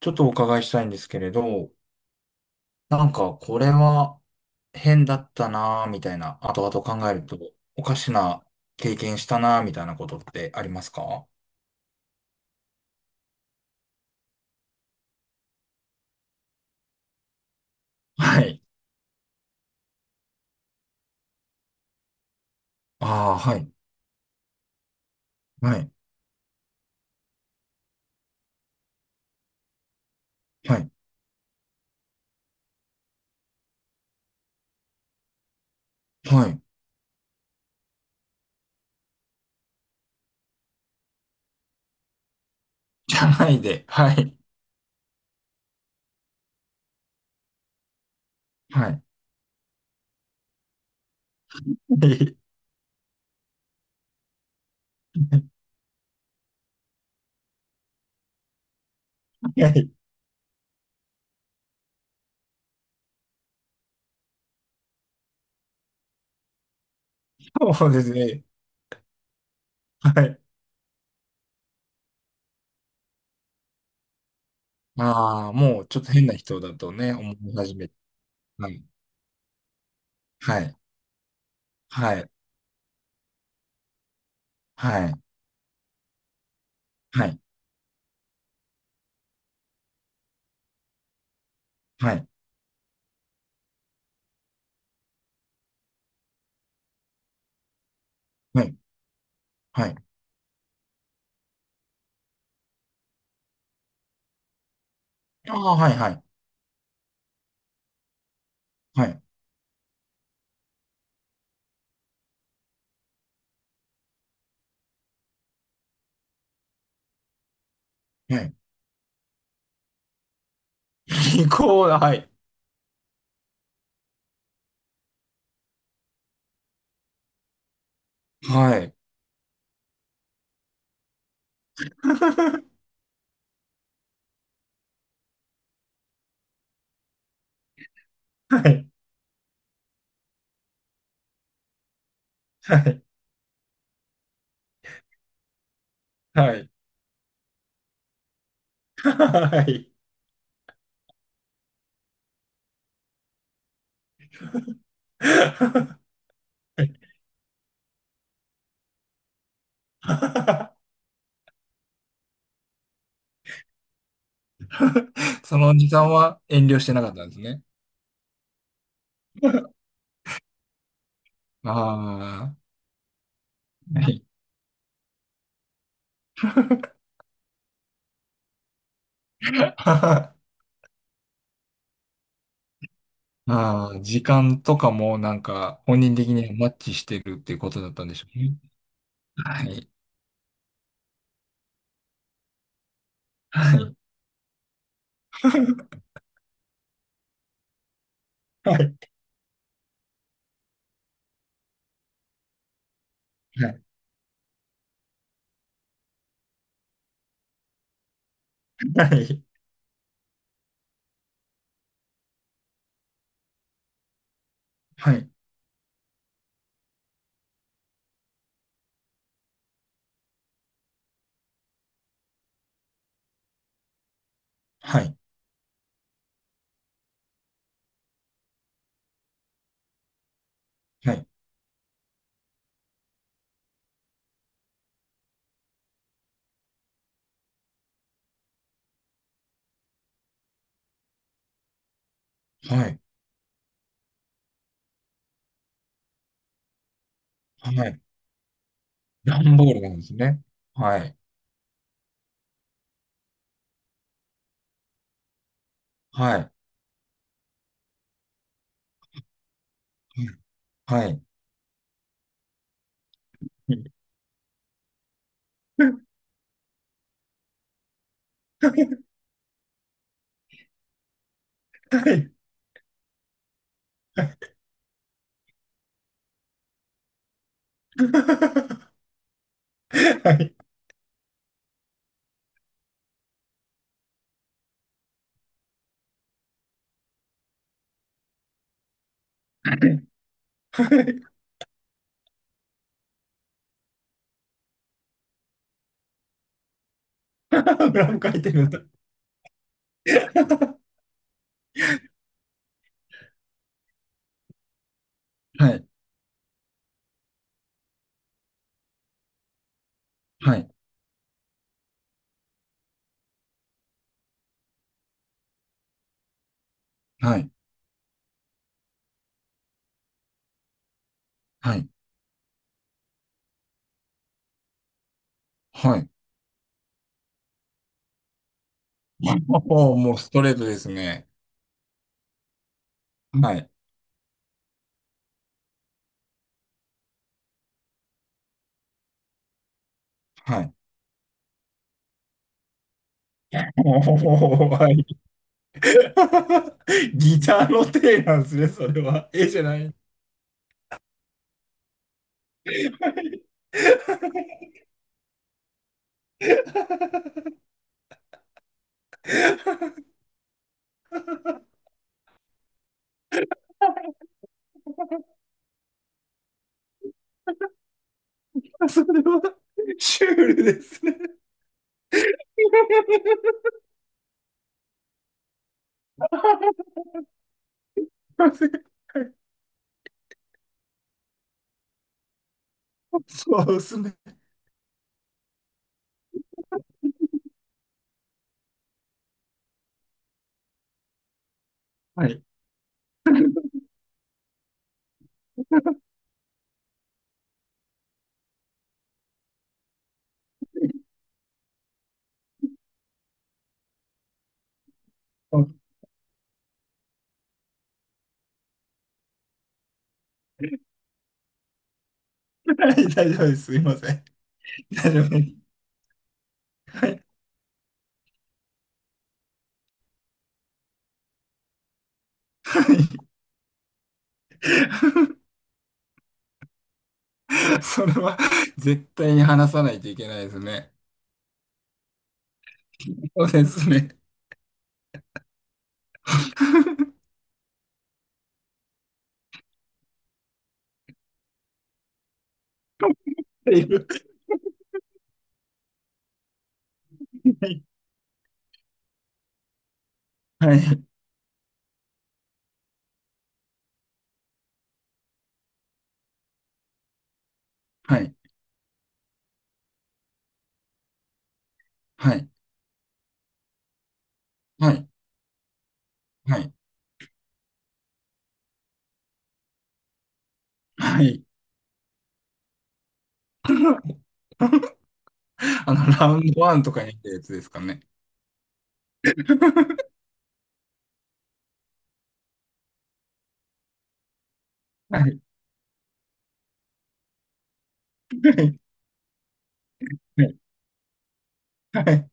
ちょっとお伺いしたいんですけれど、なんかこれは変だったなぁみたいな、後々考えるとおかしな経験したなぁみたいなことってありますか？はい。ああー、はい、はい、はい、はい、じゃないで。はい。はい。はい。はい。そうですね。はい。ああ、もうちょっと変な人だとね、思い始めて。はい、はい、はい、はい、はい、はい、はい、はい。ああ、はい、はい、はい、はい、リコーダー、はい。はい。はい。はい。はい。はい。はい。そのおじさんは遠慮してなかったんですね。ああ、はい。ああ、時間とかもなんか本人的にはマッチしてるっていうことだったんでしょうね。はい。はい。はい。はい。はい。はい。はい。はい。はい。段ボールなんですね。はい。はい。はい。はい。はい。はい。はい。裏も書いてるんだ。はい。はい。はい。はい。はい。おー、もうストレートですね。はい。はい。おー、はい。ギターの手なんですね、それは。絵じゃない。はい。それは、シュールですね。そうですね。はい。はい。大丈夫です。すいません。大丈夫です。はい。それは絶対に話さないといけないですね。そうですね。っていう。はい。はい。はい。はい。はい。はい。あの、ラウンドワンとかに行ったやつですかね。はい。はい。はい。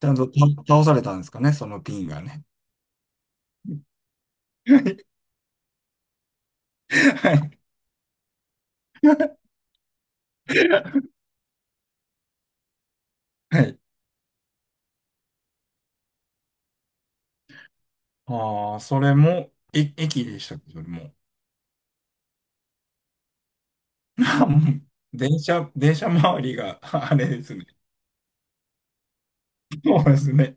ちゃんと倒されたんですかね、そのピンがね。はい。はい。はい。ああ、それも、え、駅でしたけども。あ、もう 電車周りが、ああ、れですね。そうですね。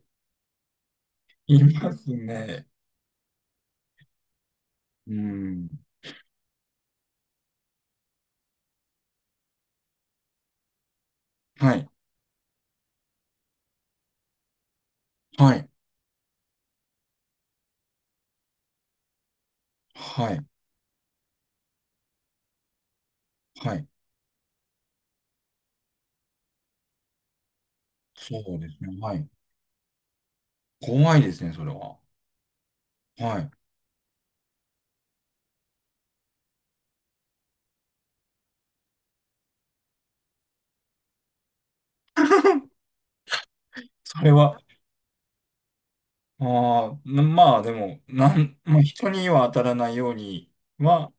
いますね。うん。はい。はい。はい。はい。そうですね。はい。怖いですね、それは。はい。それは、ああ、な、まあでも、なん、まあ人には当たらないようには、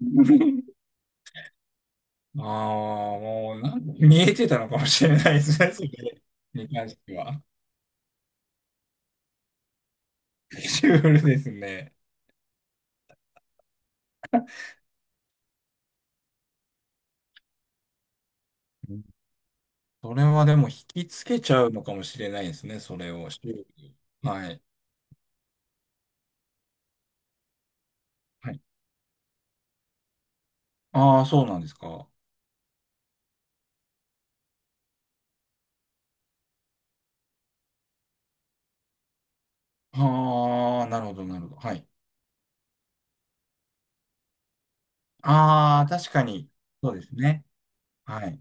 ああ、もうなん見えてたのかもしれないですね、それに関しては。シュールですね。うん。それはでも引きつけちゃうのかもしれないですね、それを。シュールに、はい。はい。ああ、そうなんですか。ああ、なるほど、なるほど。はい。ああ、確かに。そうですね。はい。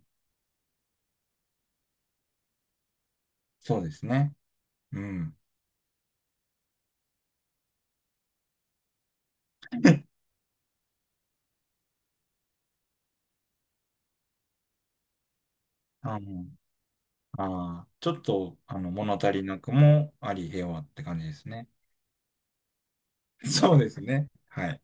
そうですね。うん。あの、あー、ちょっと、あの、物足りなくもあり、平和って感じですね。そうですね。はい。